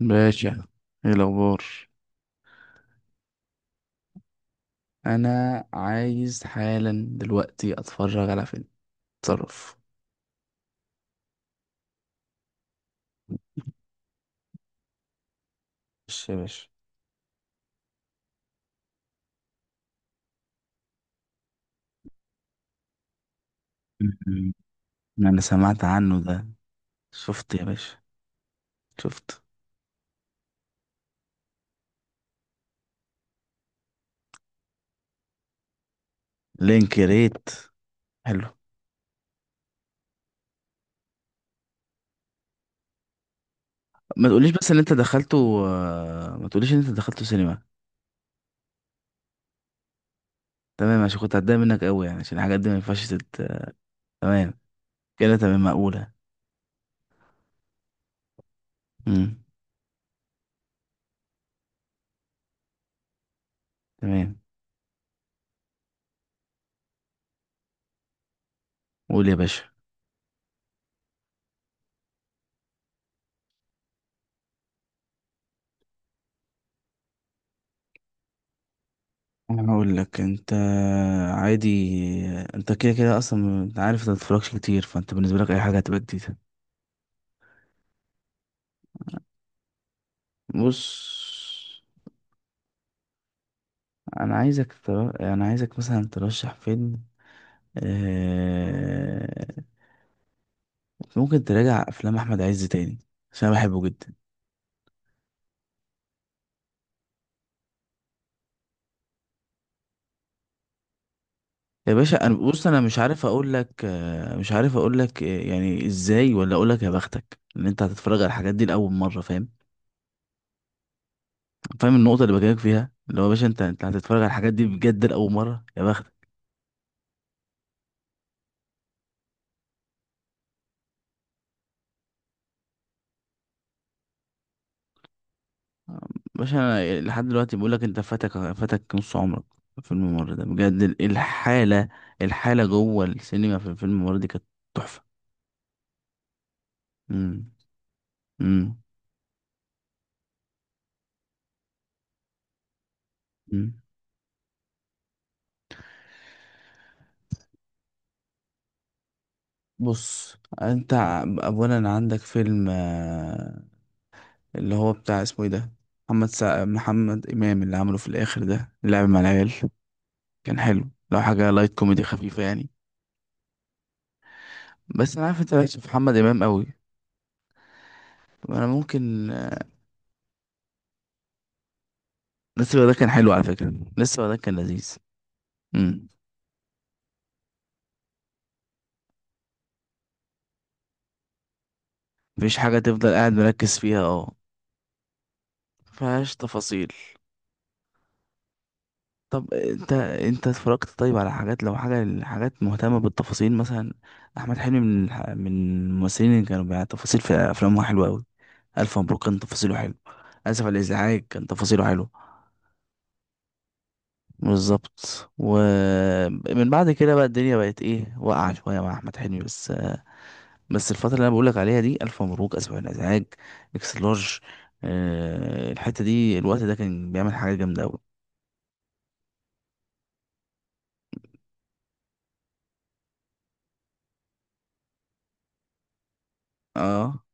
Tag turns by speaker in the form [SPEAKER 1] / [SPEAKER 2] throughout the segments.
[SPEAKER 1] باشا، ايه الاخبار؟ انا عايز حالا دلوقتي اتفرج على فيلم. اتصرف. ماشي يا باشا. أمم. انا سمعت عنه ده. شفت يا باشا. شفت. لينك ريت. حلو. ما تقوليش بس ان انت دخلته. ما تقوليش ان انت دخلته سينما. تمام، عشان كنت هتضايق منك قوي يعني، عشان الحاجات دي ما ينفعش تمام. كده تمام مقولة. امم. تمام. قول يا باشا. انا هقول لك انت. عادي. انت كده كده اصلا، انت عارف انت متتفرجش كتير، فانت بالنسبه لك اي حاجه هتبقى جديده. بص. انا عايزك مثلا ترشح فيلم. آه... ممكن تراجع افلام احمد عز تاني، عشان انا بحبه جدا. يا باشا انا بص، انا مش عارف اقول لك، مش عارف اقول لك، يعني ازاي، ولا اقول لك يا بختك ان انت هتتفرج على الحاجات دي لاول مره. فاهم؟ فاهم النقطه اللي بكلمك فيها، اللي هو يا باشا انت هتتفرج على الحاجات دي بجد لاول مره. يا بختك. باشا أنا لحد دلوقتي بقول لك انت فاتك نص عمرك في الفيلم الممر ده، بجد الحاله. الحاله جوه السينما في الفيلم الممر دي كانت تحفه. امم. امم. امم. بص. انت اولا عندك فيلم، اللي هو بتاع اسمه ايه ده، محمد امام اللي عمله في الاخر ده، اللعب مع العيال. كان حلو، لو حاجه لايت كوميدي خفيفه يعني. بس انا عارف انت مالكش في محمد امام قوي. انا ممكن. لسه ده كان حلو على فكره، لسه ده كان لذيذ. مفيش حاجة تفضل قاعد مركز فيها، اه. مفيهاش تفاصيل. طب انت، انت اتفرجت طيب على حاجات، لو حاجة، حاجات مهتمة بالتفاصيل مثلا. احمد حلمي من من الممثلين اللي كانوا بيع تفاصيل في افلامه حلوة اوي. الف مبروك كان تفاصيله حلو. اسف على الازعاج كان تفاصيله حلو. بالظبط. ومن بعد كده بقى الدنيا بقت ايه، واقعة شوية مع احمد حلمي بس. بس الفترة اللي انا بقولك عليها دي، الف مبروك، اسف على الازعاج، اكس لارج، الحتة دي، الوقت ده، كان بيعمل حاجة جامدة أوي. اه.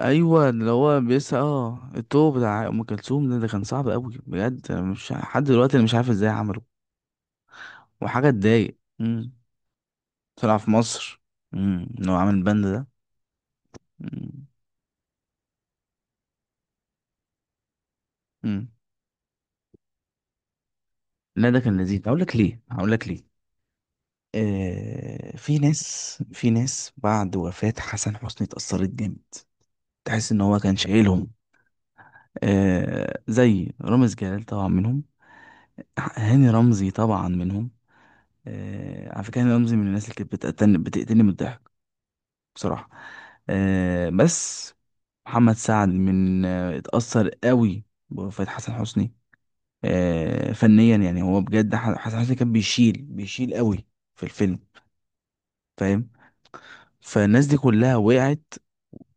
[SPEAKER 1] ايوه، اللي هو بيسأل اه الطوب بتاع ام كلثوم ده، ده كان صعب قوي بجد. أنا مش لحد دلوقتي، انا مش عارف ازاي عمله. وحاجه تضايق. امم. طلع في مصر. امم. ان هو عامل البند ده. امم. أمم. لا ده كان لذيذ، هقول لك ليه، هقول لك ليه. آه، في ناس بعد وفاة حسن حسني اتأثرت جامد. تحس ان هو كان شايلهم. آه، زي رامز جلال طبعا منهم، هاني رمزي طبعا منهم. على فكرة أنا رمزي من الناس اللي كانت بتقتلني من الضحك بصراحة. بس محمد سعد من، اتأثر قوي بوفاة حسن حسني. فنيا يعني هو بجد، حسن حسني كان بيشيل قوي في الفيلم. فاهم؟ فالناس دي كلها وقعت.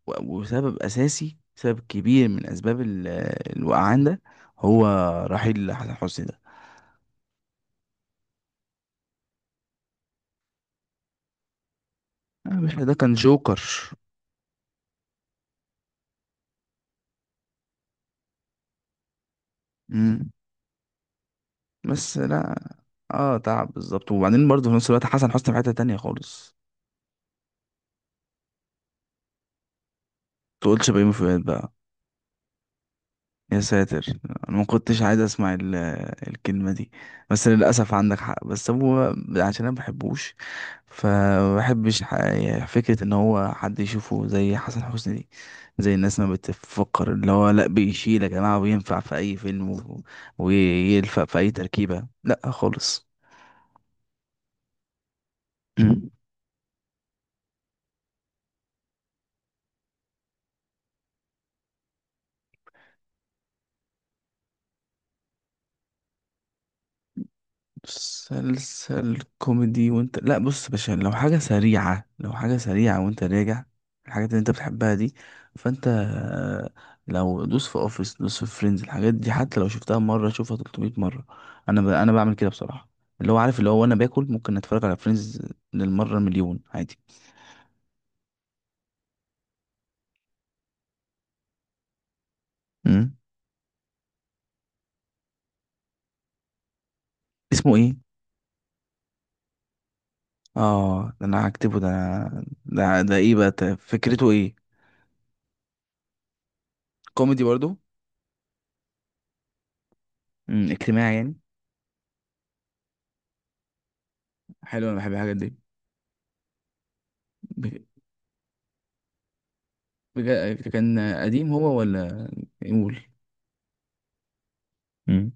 [SPEAKER 1] وسبب أساسي، سبب كبير من أسباب الوقعان ده هو رحيل حسن حسني ده. أنا مش، ده كان جوكر. بس لا، اه تعب بالظبط. وبعدين برضه في نفس الوقت حسن حسني في حتة تانية خالص. تقولش بيومي فؤاد بقى. يا ساتر. انا ما كنتش عايز اسمع الكلمة دي. بس للأسف عندك حق، بس هو عشان انا ما بحبوش. فكرة ان هو حد يشوفه زي حسن حسني دي، زي الناس ما بتفكر، اللي هو لا بيشيل يا جماعة وينفع في اي فيلم ويلفق في اي تركيبة، لا خالص. مسلسل كوميدي وانت، لا بص يا باشا، لو حاجة سريعة، لو حاجة سريعة وانت راجع، الحاجات اللي انت بتحبها دي. فانت لو دوس في اوفيس، دوس في فريندز، الحاجات دي حتى لو شفتها مرة شوفها 300 مرة. انا بعمل كده بصراحة. اللي هو، عارف اللي هو، وانا باكل ممكن اتفرج على فريندز للمرة مليون عادي. امم. اسمه ايه؟ اه ده انا هكتبه ده. ده ايه بقى فكرته ايه؟ كوميدي برضو. امم. اجتماعي يعني. حلو، انا بحب الحاجات دي. كان قديم هو ولا؟ يقول. مم.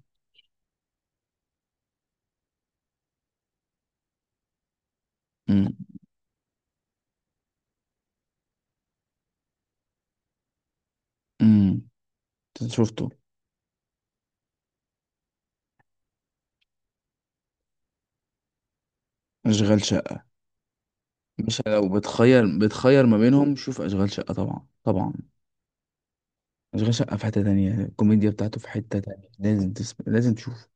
[SPEAKER 1] امم. امم. شفته. اشغال شقة. مش لو بتخير، بتخير ما بينهم، شوف اشغال شقة طبعا طبعا. اشغال شقة في حتة تانية، الكوميديا بتاعته في حتة تانية، لازم لازم تشوف.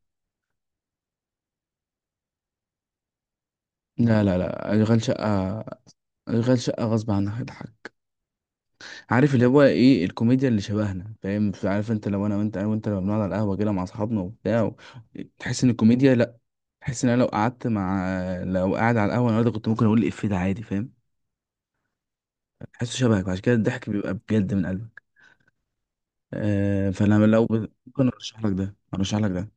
[SPEAKER 1] لا لا لا، اشغال شقة، اشغال شقة غصب عنك هتضحك. عارف اللي هو ايه الكوميديا اللي شبهنا؟ فاهم؟ عارف انت، لو انا وانت لو بنقعد على القهوة كده مع اصحابنا وبتاع تحس ان الكوميديا، بحس ان انا لو قعدت مع، لو قاعد على القهوه النهارده كنت ممكن اقول الإفيه ده عادي. فاهم؟ بحسه شبهك، وعشان كده الضحك بيبقى بجد من قلبك. آه، فانا لو ممكن ارشح لك ده، ارشح لك ده.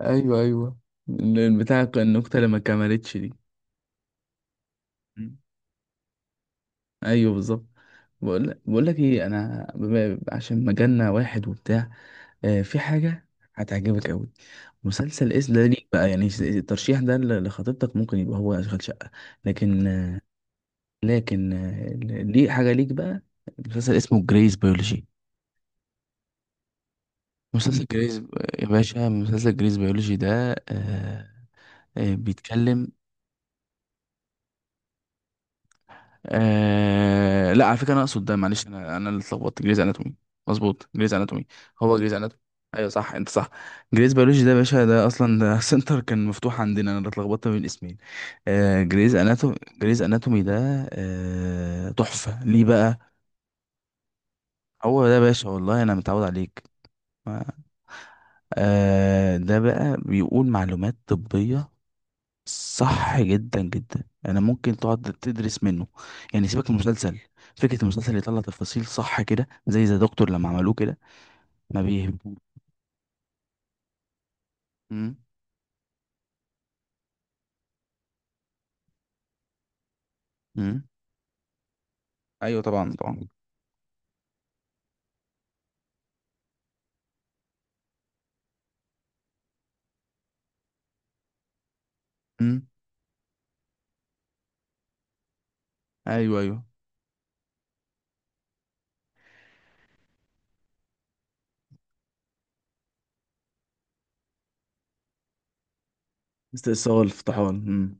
[SPEAKER 1] ايوه ايوه. بتاع النكته اللي ما كملتش دي. مم. ايوه بالظبط. بقول لك ايه، انا عشان مجالنا واحد وبتاع. آه، في حاجه هتعجبك قوي. مسلسل اسم ده ليك بقى، يعني الترشيح ده لخطيبتك ممكن يبقى هو اشغال شقه. لكن. لكن ليه حاجة ليك بقى. مسلسل اسمه جريز بيولوجي. مسلسل جريز. يا باشا مسلسل جريز بيولوجي ده آه، آه بيتكلم. آه لا، على فكرة أنا أقصد ده. معلش، أنا اللي اتلخبطت. جريز أناتومي. مظبوط، جريز أناتومي. هو جريز أناتومي. أيوه صح، أنت صح. جريز بيولوجي ده يا باشا، ده أصلا ده سنتر كان مفتوح عندنا، أنا اللي اتلخبطت بين الاسمين. آه، جريز أناتومي. جريز أناتومي ده آه، تحفة. ليه بقى؟ هو ده يا باشا، والله أنا متعود عليك. آه، ده بقى بيقول معلومات طبية صح جدا جدا. انا ممكن تقعد تدرس منه، يعني سيبك من المسلسل. فكرة المسلسل يطلع تفاصيل صح كده، زي ذا دكتور لما عملوه كده. ما بيهم. مم. مم. ايوه طبعا طبعا. مم. ايوه ايوه. استئصال افتحان. مم.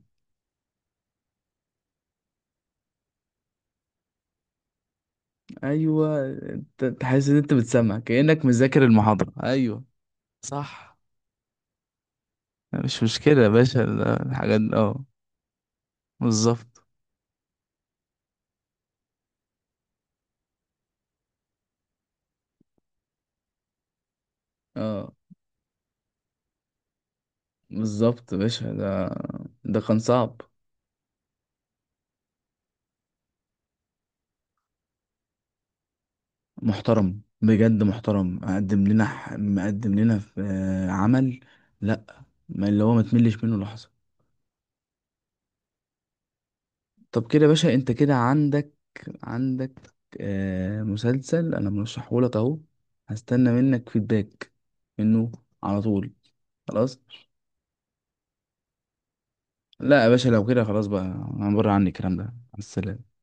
[SPEAKER 1] ايوه. أنت حاسس ان انت بتسمع كأنك مذاكر المحاضرة. ايوه. صح. مش مشكلة يا باشا الحاجات دي اه. بالظبط. اه بالظبط يا باشا، ده ده كان صعب. محترم بجد، محترم، مقدم لنا في عمل. لا، ما اللي هو ما تملش منه لحظة. طب كده يا باشا، انت كده عندك، عندك آه مسلسل انا مرشحه لك اهو. هستنى منك فيدباك منه على طول. خلاص. لا يا باشا، لو كده خلاص بقى. انا بره، عني الكلام ده. على السلامة.